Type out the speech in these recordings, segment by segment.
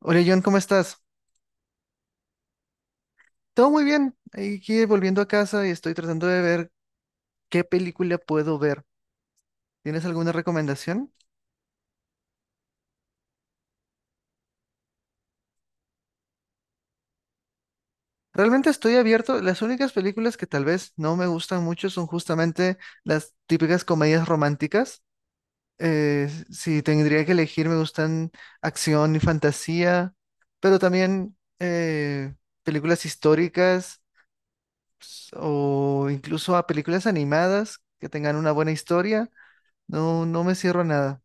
Hola John, ¿cómo estás? Todo muy bien. Aquí volviendo a casa y estoy tratando de ver qué película puedo ver. ¿Tienes alguna recomendación? Realmente estoy abierto. Las únicas películas que tal vez no me gustan mucho son justamente las típicas comedias románticas. Si tendría que elegir, me gustan acción y fantasía, pero también películas históricas o incluso a películas animadas que tengan una buena historia. No, no me cierro a nada.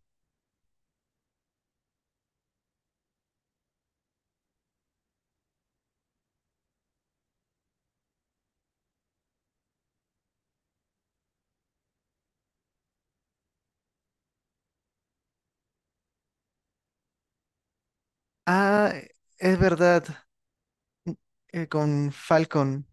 Ah, es verdad, con Falcon.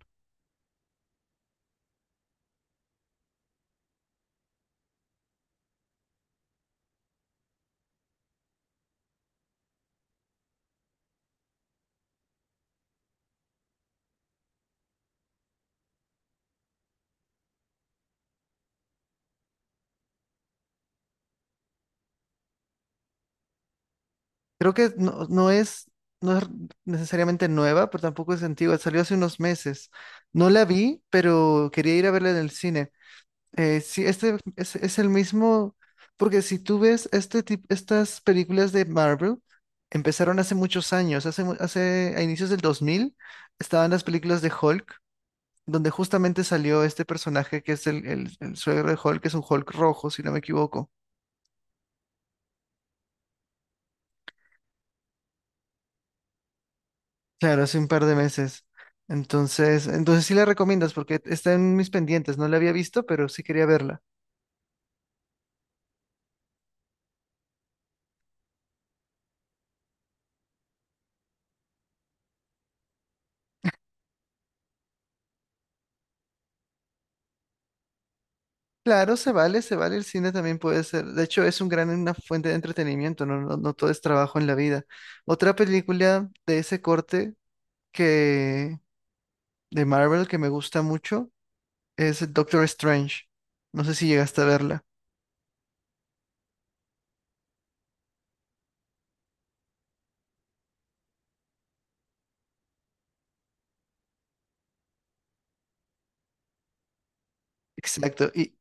Creo que no es, no es necesariamente nueva, pero tampoco es antigua. Salió hace unos meses. No la vi, pero quería ir a verla en el cine. Sí, este es el mismo, porque si tú ves estas películas de Marvel, empezaron hace muchos años, hace a inicios del 2000 estaban las películas de Hulk, donde justamente salió este personaje que es el, el suegro de Hulk, que es un Hulk rojo, si no me equivoco. Claro, hace un par de meses. Entonces sí la recomiendas porque está en mis pendientes. No la había visto, pero sí quería verla. Claro, se vale, se vale. El cine también puede ser. De hecho, es un gran, una fuente de entretenimiento. No todo es trabajo en la vida. Otra película de ese corte que de Marvel que me gusta mucho es Doctor Strange. No sé si llegaste a verla. Exacto.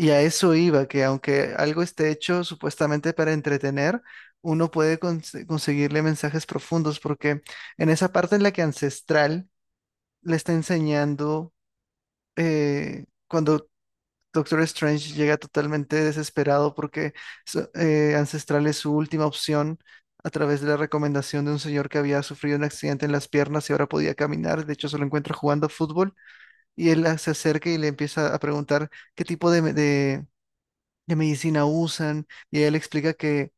Y a eso iba, que aunque algo esté hecho supuestamente para entretener, uno puede conseguirle mensajes profundos, porque en esa parte en la que Ancestral le está enseñando, cuando Doctor Strange llega totalmente desesperado porque Ancestral es su última opción a través de la recomendación de un señor que había sufrido un accidente en las piernas y ahora podía caminar, de hecho se lo encuentra jugando fútbol, y él se acerca y le empieza a preguntar qué tipo de medicina usan, y él explica que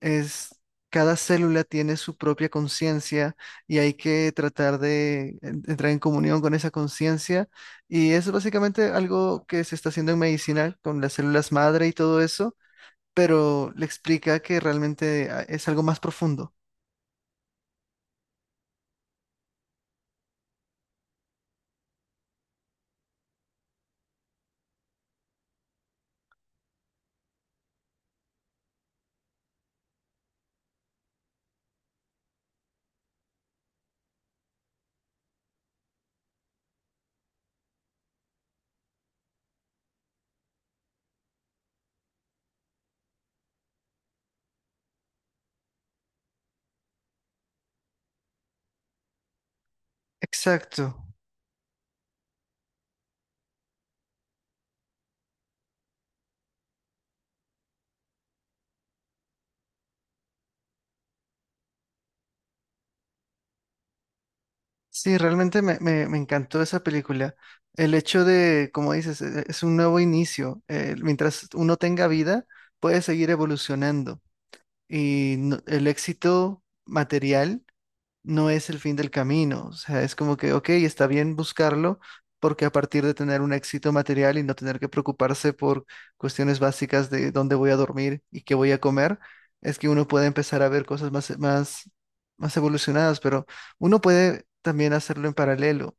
es cada célula tiene su propia conciencia y hay que tratar de entrar en comunión con esa conciencia. Y es básicamente algo que se está haciendo en medicina con las células madre y todo eso, pero le explica que realmente ah, es algo más profundo. Exacto. Sí, realmente me encantó esa película. El hecho de, como dices, es un nuevo inicio. Mientras uno tenga vida, puede seguir evolucionando. El éxito material no es el fin del camino. O sea, es como que, ok, está bien buscarlo, porque a partir de tener un éxito material y no tener que preocuparse por cuestiones básicas de dónde voy a dormir y qué voy a comer, es que uno puede empezar a ver cosas más evolucionadas, pero uno puede también hacerlo en paralelo.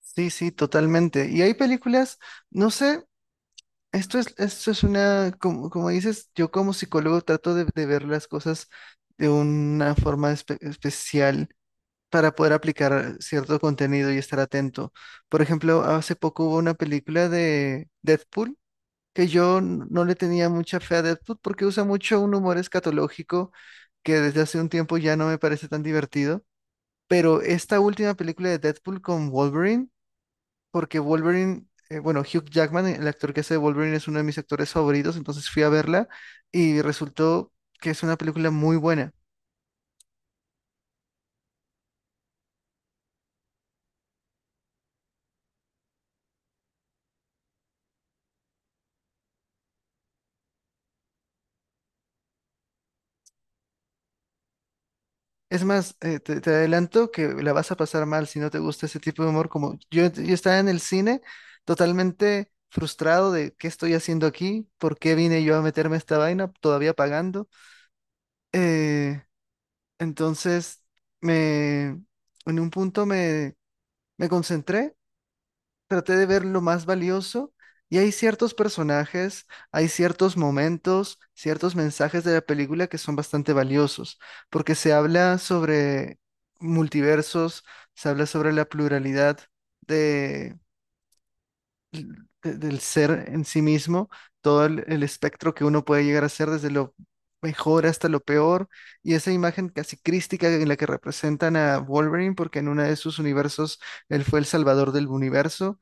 Sí, sí, totalmente. Y hay películas, no sé. Esto es una, como, como dices, yo como psicólogo trato de ver las cosas de una forma especial para poder aplicar cierto contenido y estar atento. Por ejemplo, hace poco hubo una película de Deadpool que yo no le tenía mucha fe a Deadpool porque usa mucho un humor escatológico que desde hace un tiempo ya no me parece tan divertido. Pero esta última película de Deadpool con Wolverine porque Wolverine, bueno, Hugh Jackman, el actor que hace de Wolverine, es uno de mis actores favoritos, entonces fui a verla y resultó que es una película muy buena. Es más, te adelanto que la vas a pasar mal si no te gusta ese tipo de humor, como yo estaba en el cine totalmente frustrado de qué estoy haciendo aquí, por qué vine yo a meterme a esta vaina, todavía pagando. Eh, entonces, me, en un punto me concentré, traté de ver lo más valioso y hay ciertos personajes, hay ciertos momentos, ciertos mensajes de la película que son bastante valiosos, porque se habla sobre multiversos, se habla sobre la pluralidad de del ser en sí mismo, todo el espectro que uno puede llegar a ser desde lo mejor hasta lo peor, y esa imagen casi crística en la que representan a Wolverine, porque en uno de sus universos él fue el salvador del universo.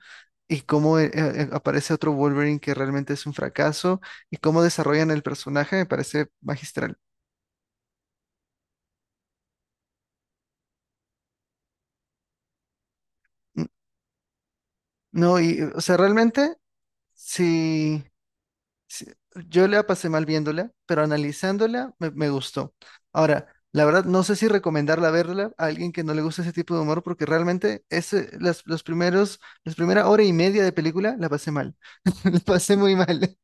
Y cómo aparece otro Wolverine que realmente es un fracaso, y cómo desarrollan el personaje, me parece magistral. Mm, no, y, o sea, realmente, sí, sí, yo la pasé mal viéndola, pero analizándola me gustó. Ahora, la verdad, no sé si recomendarla verla a alguien que no le gusta ese tipo de humor, porque realmente ese, las, las primera hora y media de película la pasé mal. La pasé muy mal.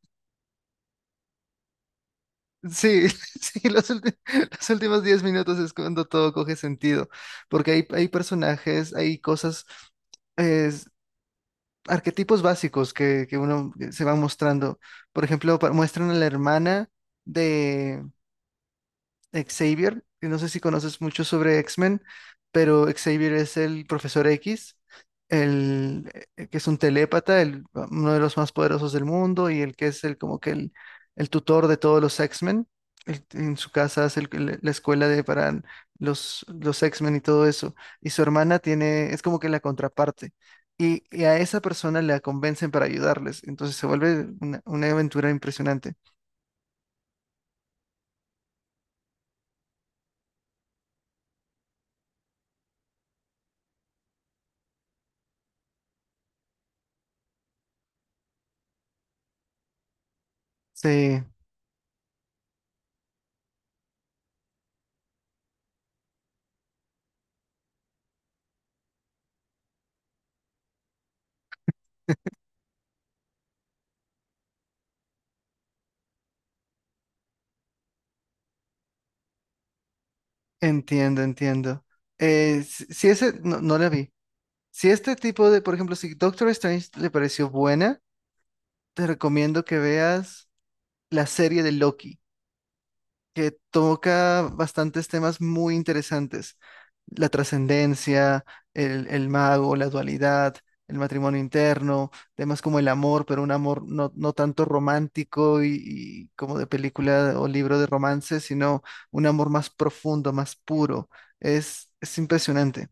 Sí, sí, los últimos 10 minutos es cuando todo coge sentido, porque hay personajes, hay cosas es- arquetipos básicos que uno se va mostrando. Por ejemplo, muestran a la hermana de Xavier, y no sé si conoces mucho sobre X-Men, pero Xavier es el profesor X, el que es un telépata, el, uno de los más poderosos del mundo y el que es el como que el tutor de todos los X-Men. Él en su casa es la escuela de para los X-Men y todo eso. Y su hermana tiene, es como que la contraparte. Y a esa persona la convencen para ayudarles. Entonces se vuelve una aventura impresionante. Sí. Entiendo, entiendo. Si ese, no, no la vi. Si este tipo de, por ejemplo, si Doctor Strange te pareció buena, te recomiendo que veas la serie de Loki que toca bastantes temas muy interesantes. La trascendencia, el mago, la dualidad, el matrimonio interno, temas como el amor, pero un amor no tanto romántico y como de película o libro de romance, sino un amor más profundo, más puro. Es impresionante.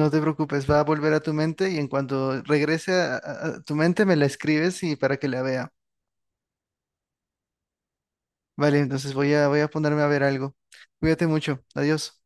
No te preocupes, va a volver a tu mente y en cuanto regrese a tu mente me la escribes y para que la vea. Vale, entonces voy a, voy a ponerme a ver algo. Cuídate mucho. Adiós.